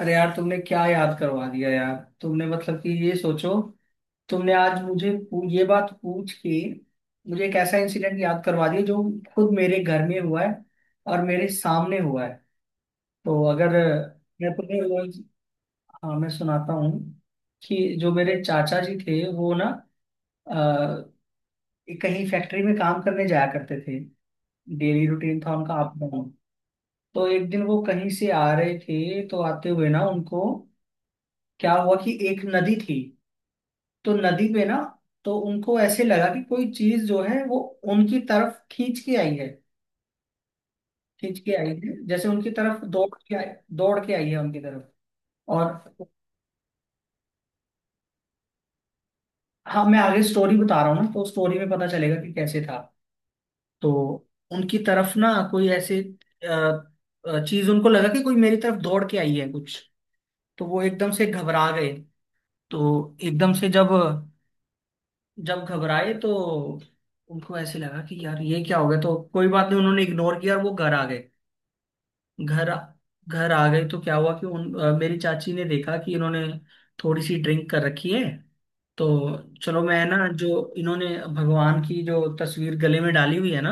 अरे यार तुमने क्या याद करवा दिया यार। तुमने मतलब कि ये सोचो। तुमने आज मुझे ये बात पूछ के मुझे एक ऐसा इंसिडेंट याद करवा दिया जो खुद मेरे घर में हुआ है और मेरे सामने हुआ है। तो अगर मैं तुम्हें वो। हाँ, मैं सुनाता हूँ कि जो मेरे चाचा जी थे वो ना अ, कहीं फैक्ट्री में काम करने जाया करते थे। डेली रूटीन था उनका अप डाउन। तो एक दिन वो कहीं से आ रहे थे तो आते हुए ना उनको क्या हुआ कि एक नदी थी। तो नदी पे ना तो उनको ऐसे लगा कि कोई चीज जो है वो उनकी तरफ खींच के आई है। खींच के आई है जैसे उनकी तरफ दौड़ के आई। दौड़ के आई है उनकी तरफ। और हाँ, मैं आगे स्टोरी बता रहा हूँ ना तो स्टोरी में पता चलेगा कि कैसे था। तो उनकी तरफ ना कोई ऐसे चीज उनको लगा कि कोई मेरी तरफ दौड़ के आई है कुछ। तो वो एकदम से घबरा गए। तो एकदम से जब जब घबराए तो उनको ऐसे लगा कि यार ये क्या हो गया तो कोई बात नहीं उन्होंने इग्नोर किया और वो घर आ गए। घर आ- घर आ गए तो क्या हुआ कि मेरी चाची ने देखा कि इन्होंने थोड़ी सी ड्रिंक कर रखी है। तो चलो मैं ना जो इन्होंने भगवान की जो तस्वीर गले में डाली हुई है ना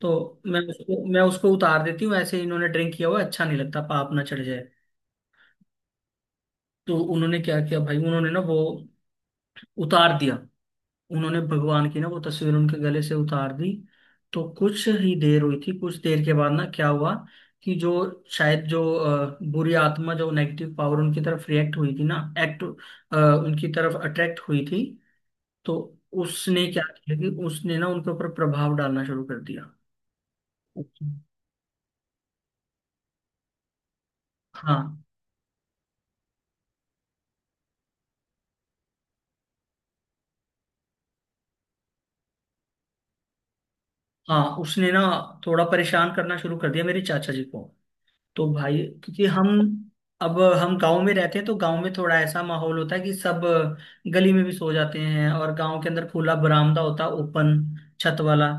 तो मैं उसको उतार देती हूँ ऐसे इन्होंने ड्रिंक किया हुआ है, अच्छा नहीं लगता पाप ना चढ़ जाए। तो उन्होंने क्या किया भाई उन्होंने ना वो उतार दिया। उन्होंने भगवान की ना वो तस्वीर उनके गले से उतार दी। तो कुछ ही देर हुई थी कुछ देर के बाद ना क्या हुआ कि जो शायद जो बुरी आत्मा जो नेगेटिव पावर उनकी तरफ रिएक्ट हुई थी ना एक्ट उनकी तरफ अट्रैक्ट हुई थी। तो उसने क्या किया कि उसने ना उनके ऊपर प्रभाव डालना शुरू कर दिया। अच्छा, हाँ हाँ, उसने ना थोड़ा परेशान करना शुरू कर दिया मेरे चाचा जी को। तो भाई, क्योंकि हम अब हम गांव में रहते हैं तो गांव में थोड़ा ऐसा माहौल होता है कि सब गली में भी सो जाते हैं और गांव के अंदर खुला बरामदा होता है ओपन छत वाला।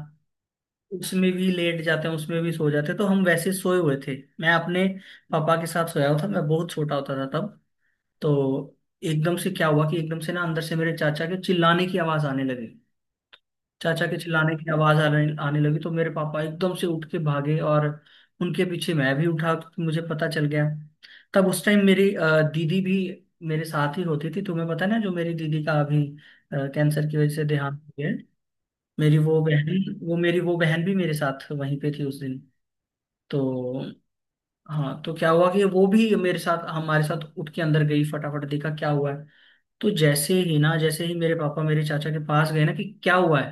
उसमें भी लेट जाते हैं उसमें भी सो जाते हैं तो हम वैसे सोए हुए थे मैं अपने पापा के साथ सोया हुआ था मैं बहुत छोटा होता था तब। तो एकदम से क्या हुआ कि एकदम से ना अंदर से मेरे चाचा के चिल्लाने की आवाज आने लगी। चाचा के चिल्लाने की आवाज आने आने लगी तो मेरे पापा एकदम से उठ के भागे और उनके पीछे मैं भी उठा क्योंकि मुझे पता चल गया। तब उस टाइम मेरी दीदी भी मेरे साथ ही होती थी। तुम्हें पता है ना जो मेरी दीदी का अभी कैंसर की वजह से देहांत हो गया है। मेरी वो बहन भी मेरे साथ वहीं पे थी उस दिन। तो हाँ, तो क्या हुआ कि वो भी मेरे साथ हमारे साथ उठ के अंदर गई फटाफट देखा क्या हुआ है। तो जैसे ही ना जैसे ही मेरे पापा मेरे चाचा के पास गए ना कि क्या हुआ है।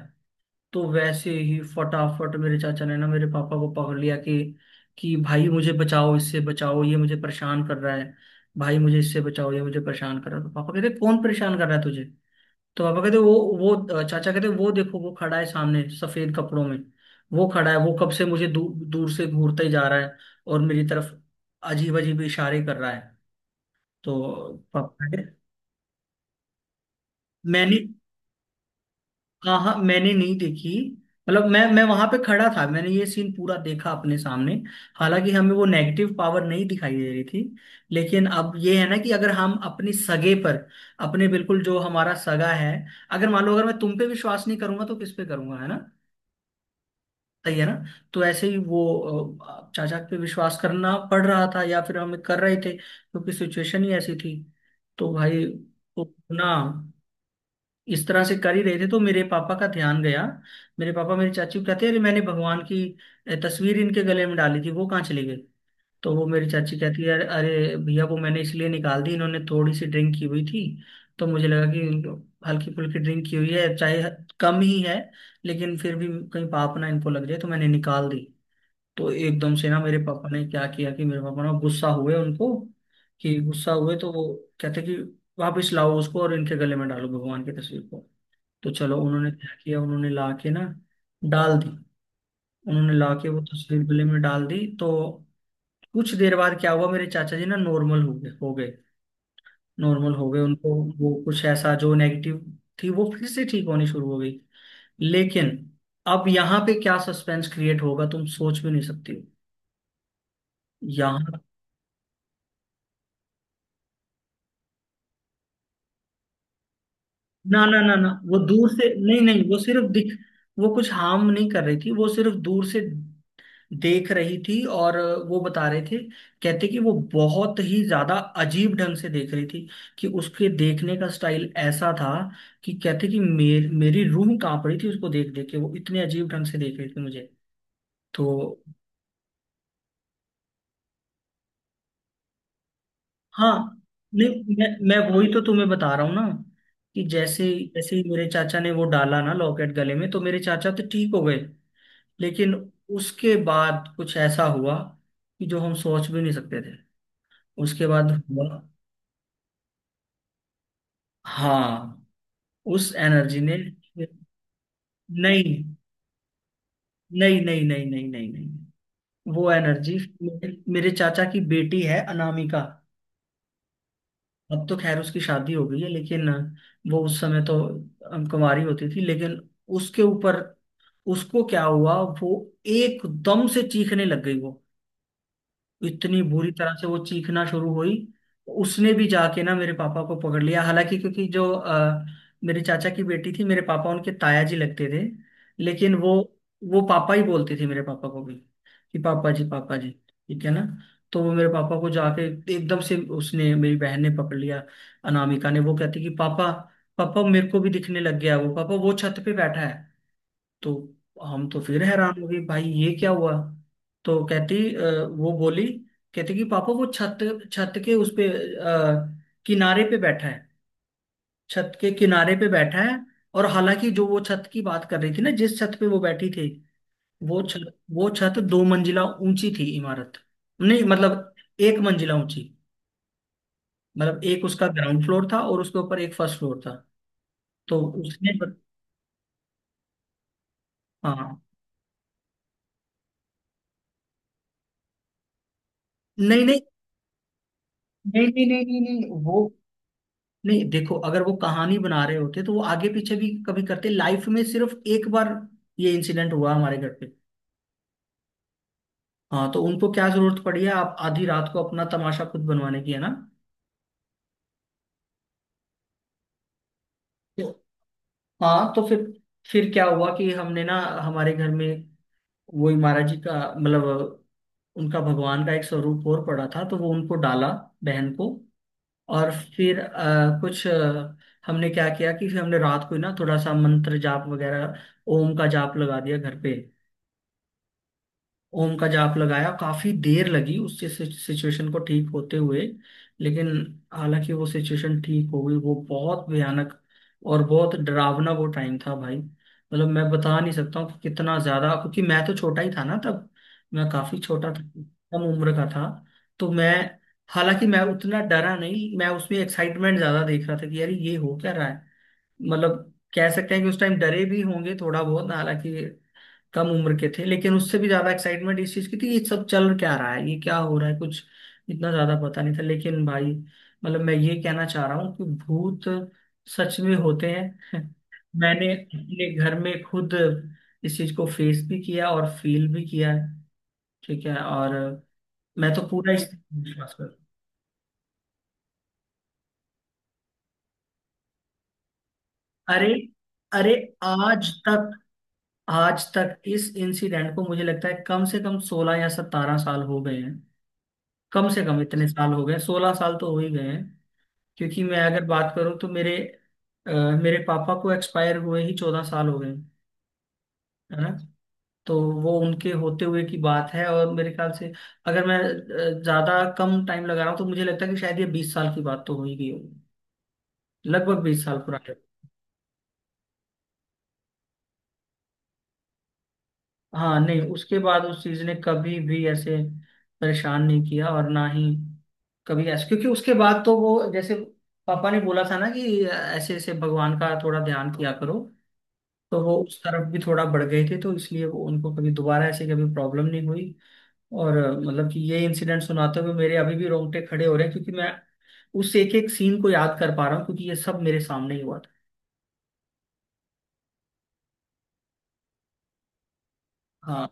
तो वैसे ही फटाफट मेरे चाचा ने ना मेरे पापा को पकड़ लिया कि भाई मुझे बचाओ इससे बचाओ ये मुझे परेशान कर रहा है। भाई मुझे इससे बचाओ ये मुझे परेशान कर रहा है तो पापा कहते कौन परेशान कर रहा है तुझे। तो पापा कहते वो चाचा कहते वो देखो वो खड़ा है सामने सफेद कपड़ों में। वो खड़ा है वो कब से मुझे दूर से घूरता ही जा रहा है। और मेरी तरफ अजीब अजीब इशारे कर रहा है। तो पापा कहते मैंने हाँ हाँ, मैंने नहीं देखी। मतलब मैं वहां पे खड़ा था मैंने ये सीन पूरा देखा अपने सामने। हालांकि हमें वो नेगेटिव पावर नहीं दिखाई दे रही थी। लेकिन अब ये है ना कि अगर हम अपनी सगे पर अपने बिल्कुल जो हमारा सगा है अगर मान लो अगर मैं तुम पे विश्वास नहीं करूंगा तो किस पे करूंगा है ना। सही है ना। तो ऐसे ही वो चाचा पे विश्वास करना पड़ रहा था या फिर हम कर रहे थे क्योंकि सिचुएशन ही ऐसी थी। तो भाई, तो ना इस तरह से कर ही रहे थे तो मेरे पापा का ध्यान गया। मेरे पापा मेरी चाची को कहते हैं अरे मैंने भगवान की तस्वीर इनके गले में डाली थी वो कहाँ चली गई। तो वो मेरी चाची कहती है अरे भैया वो मैंने इसलिए निकाल दी इन्होंने थोड़ी सी ड्रिंक की हुई थी। तो मुझे लगा कि हल्की फुल्की ड्रिंक की हुई है चाहे कम ही है लेकिन फिर भी कहीं पाप ना इनको लग जाए तो मैंने निकाल दी। तो एकदम से ना मेरे पापा ने क्या किया कि मेरे पापा ना गुस्सा हुए उनको कि गुस्सा हुए तो वो कहते कि वापस लाओ उसको और इनके गले में डालो भगवान की तस्वीर को। तो चलो उन्होंने क्या किया उन्होंने ला के ना डाल दी। उन्होंने ला के वो तस्वीर गले में डाल दी तो कुछ देर बाद क्या हुआ मेरे चाचा जी ना नॉर्मल हो गए नॉर्मल हो गए उनको। वो कुछ ऐसा जो नेगेटिव थी वो फिर से ठीक होनी शुरू हो गई। लेकिन अब यहाँ पे क्या सस्पेंस क्रिएट होगा तुम सोच भी नहीं सकती हो। यहाँ, ना ना ना ना, वो दूर से नहीं नहीं, वो सिर्फ दिख वो कुछ हार्म नहीं कर रही थी वो सिर्फ दूर से देख रही थी और वो बता रहे थे। कहते कि वो बहुत ही ज्यादा अजीब ढंग से देख रही थी। कि उसके देखने का स्टाइल ऐसा था। कि कहते कि मेरी रूह कांप रही थी उसको देख देख के वो इतने अजीब ढंग से देख रही थी मुझे। तो हाँ, नहीं मैं वही तो तुम्हें बता रहा हूँ ना। कि जैसे जैसे ही मेरे चाचा ने वो डाला ना लॉकेट गले में तो मेरे चाचा तो ठीक हो गए। लेकिन उसके बाद कुछ ऐसा हुआ कि जो हम सोच भी नहीं सकते थे उसके बाद हुआ। हाँ, उस एनर्जी ने नहीं नहीं नहीं नहीं नहीं नहीं नहीं, वो एनर्जी मेरे मेरे चाचा की बेटी है अनामिका। अब तो खैर उसकी शादी हो गई है लेकिन वो उस समय तो कुंवारी होती थी लेकिन उसके ऊपर उसको क्या हुआ वो एकदम से चीखने लग गई। वो इतनी बुरी तरह से वो चीखना शुरू हुई। तो उसने भी जाके ना मेरे पापा को पकड़ लिया हालांकि क्योंकि जो मेरे चाचा की बेटी थी मेरे पापा उनके ताया जी लगते थे। लेकिन वो पापा ही बोलते थे मेरे पापा को भी कि पापा जी पापा जी। ठीक है ना। तो वो मेरे पापा को जाके एकदम से उसने मेरी बहन ने पकड़ लिया अनामिका ने। वो कहती कि पापा पापा मेरे को भी दिखने लग गया वो पापा वो छत पे बैठा है। तो हम तो फिर हैरान हो गए भाई ये क्या हुआ। तो कहती वो बोली कहती कि पापा वो छत छत के उस पे किनारे पे बैठा है। छत के किनारे पे बैठा है। और हालांकि जो वो छत की बात कर रही थी ना जिस छत पे वो बैठी थी। वो छत दो मंजिला ऊंची थी इमारत। नहीं मतलब एक मंजिला ऊंची। मतलब एक उसका ग्राउंड फ्लोर था और उसके ऊपर एक फर्स्ट फ्लोर था। तो उसने हाँ, नहीं नहीं नहीं नहीं नहीं नहीं नहीं, वो नहीं देखो अगर वो कहानी बना रहे होते तो वो आगे पीछे भी कभी करते लाइफ में सिर्फ एक बार ये इंसिडेंट हुआ हमारे घर पे। हाँ, तो उनको क्या जरूरत पड़ी है आप आधी रात को अपना तमाशा खुद बनवाने की है ना। तो हाँ, तो फिर क्या हुआ कि हमने ना हमारे घर में वही महाराज जी का मतलब उनका भगवान का एक स्वरूप और पड़ा था तो वो उनको डाला बहन को। और फिर कुछ हमने क्या किया कि फिर हमने रात को ही ना थोड़ा सा मंत्र जाप वगैरह ओम का जाप लगा दिया घर पे। ओम का जाप लगाया काफी देर लगी उस सिचुएशन को ठीक होते हुए। लेकिन हालांकि वो सिचुएशन ठीक हो गई वो बहुत भयानक और बहुत डरावना वो टाइम था भाई मतलब मैं बता नहीं सकता हूँ कि कितना ज्यादा क्योंकि मैं तो छोटा ही था ना तब। मैं काफी छोटा था कम उम्र का था। तो मैं हालांकि मैं उतना डरा नहीं मैं उसमें एक्साइटमेंट ज्यादा देख रहा था कि यार ये हो क्या रहा है। मतलब कह सकते हैं कि उस टाइम डरे भी होंगे थोड़ा बहुत हालांकि कम उम्र के थे लेकिन उससे भी ज्यादा एक्साइटमेंट इस चीज की थी ये सब चल क्या रहा है ये क्या हो रहा है कुछ इतना ज्यादा पता नहीं था लेकिन भाई मतलब मैं ये कहना चाह रहा हूँ कि भूत सच में होते हैं। मैंने अपने घर में खुद इस चीज को फेस भी किया और फील भी किया है। ठीक है और मैं तो पूरा इस विश्वास कर अरे अरे, आज तक आज तक इस इंसिडेंट को मुझे लगता है कम से कम 16 या 17 साल हो गए। कम से कम इतने साल हो गए 16 साल तो हो ही गए हैं। क्योंकि मैं अगर बात करूं तो अ, मेरे पापा को एक्सपायर हुए ही 14 साल हो गए हैं, है ना। तो वो उनके होते हुए की बात है और मेरे ख्याल से अगर मैं ज्यादा कम टाइम लगा रहा हूँ तो मुझे लगता है कि शायद ये 20 साल की बात तो हो ही गई होगी। लगभग 20 साल पुरानी। हाँ, नहीं उसके बाद उस चीज ने कभी भी ऐसे परेशान नहीं किया और ना ही कभी ऐसे क्योंकि उसके बाद तो वो जैसे पापा ने बोला था ना कि ऐसे ऐसे भगवान का थोड़ा ध्यान किया करो। तो वो उस तरफ भी थोड़ा बढ़ गए थे तो इसलिए वो उनको कभी दोबारा ऐसे कभी प्रॉब्लम नहीं हुई। और मतलब कि ये इंसिडेंट सुनाते हुए मेरे अभी भी रोंगटे खड़े हो रहे हैं क्योंकि मैं उस एक एक सीन को याद कर पा रहा हूँ क्योंकि ये सब मेरे सामने ही हुआ था। हाँ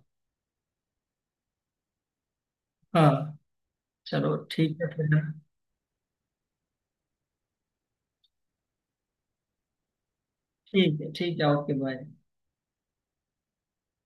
हाँ, चलो ठीक है फिर। ठीक है ओके बाय।